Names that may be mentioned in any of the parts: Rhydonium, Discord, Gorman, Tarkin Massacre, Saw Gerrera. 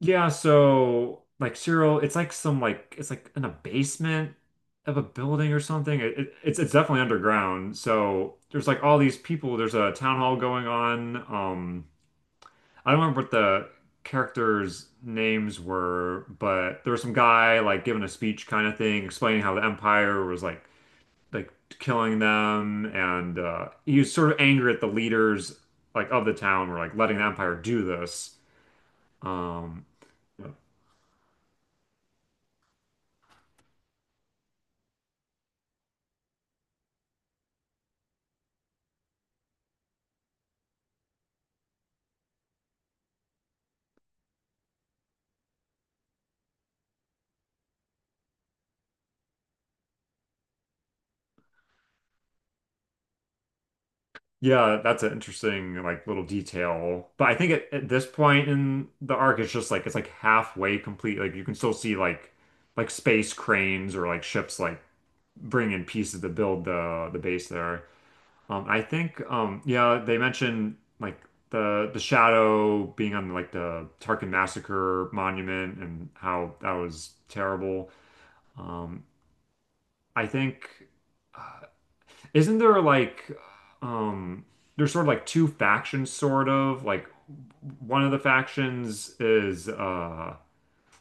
Yeah, so like Cyril, it's like some like it's like in a basement of a building or something. It's definitely underground. So there's like all these people. There's a town hall going on. I don't remember what the characters' names were, but there was some guy like giving a speech kind of thing, explaining how the Empire was like killing them, and he was sort of angry at the leaders like of the town were like letting the Empire do this. Um. Yeah, that's an interesting like little detail. But I think at this point in the arc, it's just like it's like halfway complete. Like you can still see like space cranes or like ships like bring in pieces to build the base there. I think yeah, they mentioned like the shadow being on like the Tarkin Massacre monument and how that was terrible. Um, I think. Uh, isn't there like um there's sort of like two factions sort of like one of the factions is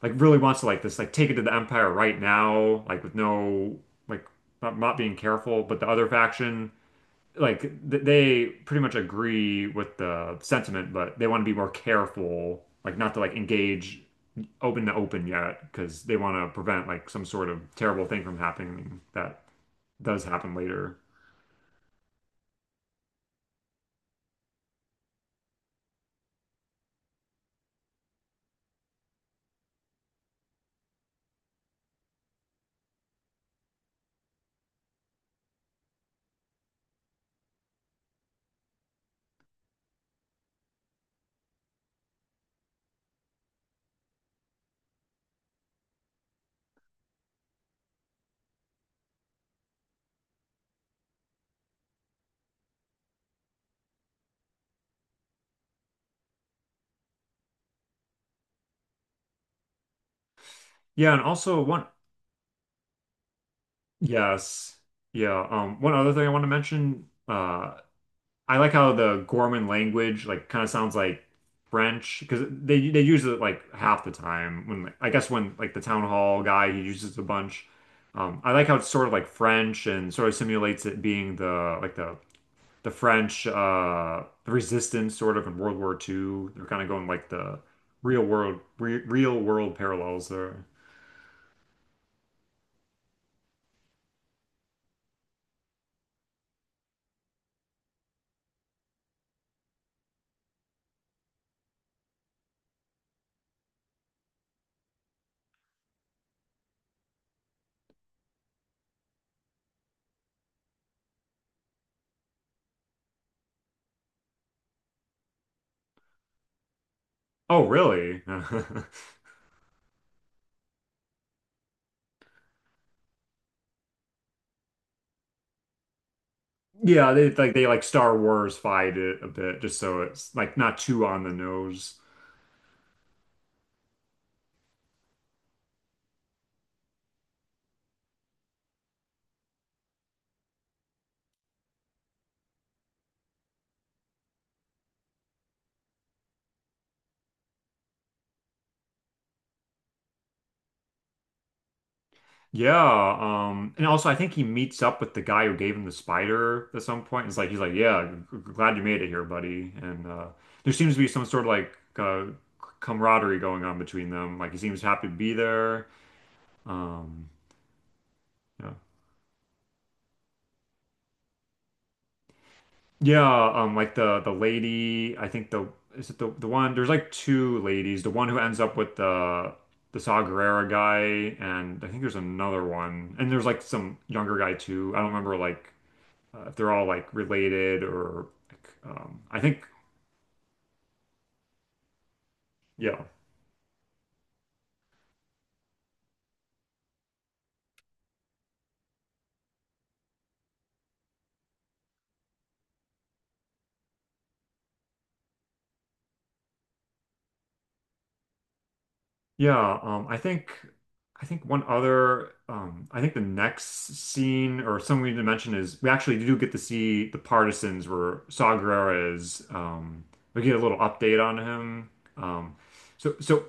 like really wants to like this like take it to the Empire right now like with no like not being careful but the other faction like th they pretty much agree with the sentiment but they want to be more careful like not to like engage open to open yet because they want to prevent like some sort of terrible thing from happening that does happen later. Yeah, and also one. Yes. Yeah. One other thing I want to mention, I like how the Gorman language like kind of sounds like French because they use it like half the time when like, I guess when like the town hall guy he uses it a bunch. I like how it's sort of like French and sort of simulates it being the like the French the resistance sort of in World War 2. They're kind of going like the real world re real world parallels there. Oh, really? Yeah, they like Star Wars fight it a bit just so it's like not too on the nose. Yeah, and also I think he meets up with the guy who gave him the spider at some point. It's like he's like, "Yeah, glad you made it here, buddy." And there seems to be some sort of like camaraderie going on between them. Like he seems happy to be there. Um, yeah. Yeah, like the lady, I think the is it the one? There's like two ladies. The one who ends up with the Saw Gerrera guy, and I think there's another one, and there's like some younger guy too. I don't remember like if they're all like related or like, I think Yeah. Yeah, I think one other I think the next scene or something we need to mention is we actually do get to see the partisans where Saw Gerrera is. We get a little update on him. Um, so so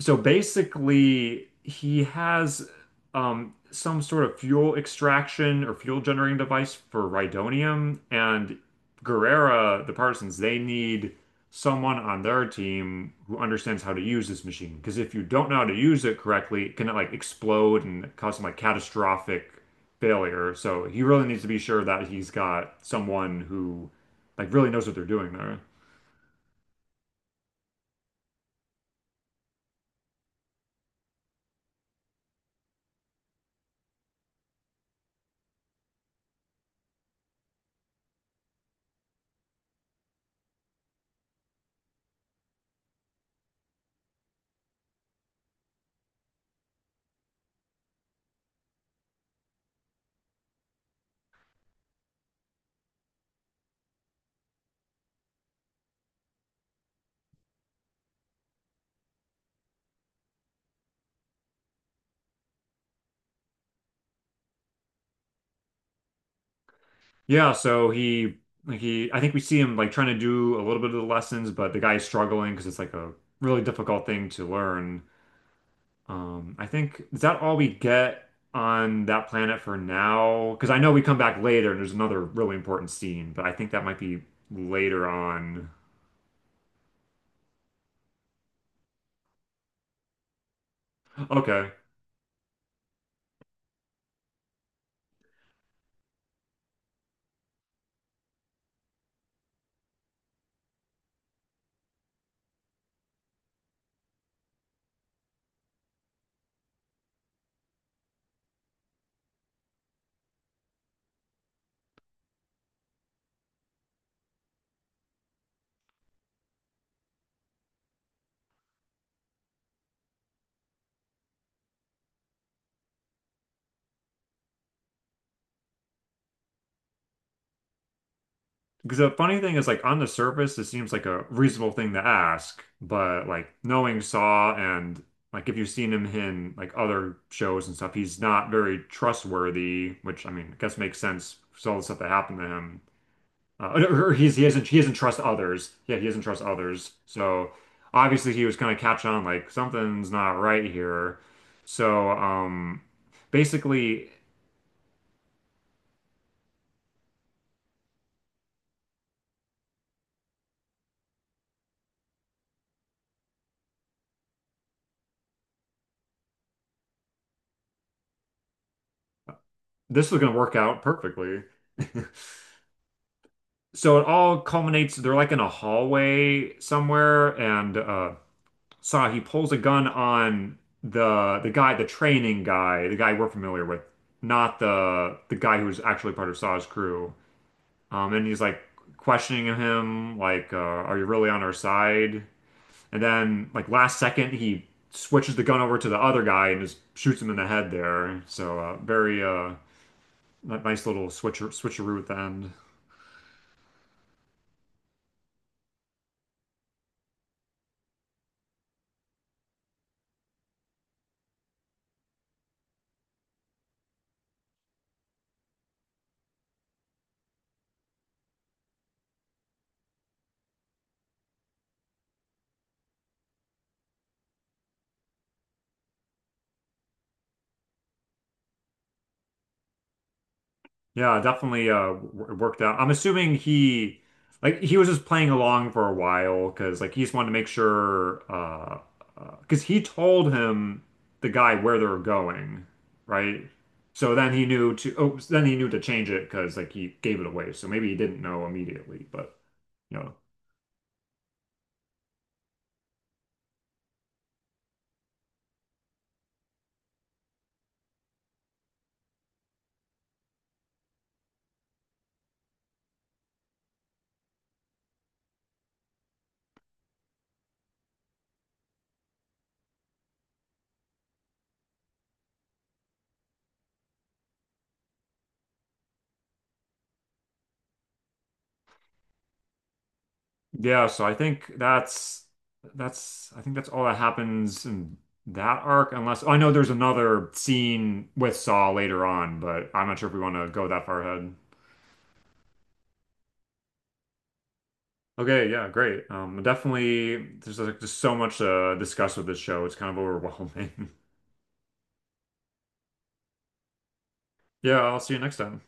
so basically, he has some sort of fuel extraction or fuel generating device for Rhydonium, and Guerrera, the Partisans, they need someone on their team who understands how to use this machine. Because if you don't know how to use it correctly, it can like explode and cause some like catastrophic failure. So he really needs to be sure that he's got someone who like really knows what they're doing there. Yeah, so he I think we see him like trying to do a little bit of the lessons, but the guy's struggling because it's like a really difficult thing to learn. I think is that all we get on that planet for now? Because I know we come back later and there's another really important scene, but I think that might be later on. Okay. Because the funny thing is, like on the surface, it seems like a reasonable thing to ask, but like knowing Saw and like if you've seen him in like other shows and stuff, he's not very trustworthy, which I mean, I guess makes sense with all the stuff that happened to him. Or he doesn't trust others. Yeah, he doesn't trust others. So obviously he was kind of catch on like something's not right here. So basically this was gonna work out perfectly. So it all culminates, they're like in a hallway somewhere, and saw he pulls a gun on the guy, the training guy, the guy we're familiar with, not the the guy who's actually part of Saw's crew. And he's like questioning him, like, are you really on our side? And then like last second he switches the gun over to the other guy and just shoots him in the head there. So very nice little switcher switcheroo at the end. Yeah, definitely worked out. I'm assuming he like he was just playing along for a while because like he just wanted to make sure because he told him the guy where they were going, right? So then he knew to oh then he knew to change it because like he gave it away. So maybe he didn't know immediately, but you know Yeah, so I think that's I think that's all that happens in that arc, unless oh, I know there's another scene with Saw later on, but I'm not sure if we want to go that far ahead. Okay, yeah, great. Definitely, there's like just so much to discuss with this show. It's kind of overwhelming. Yeah, I'll see you next time.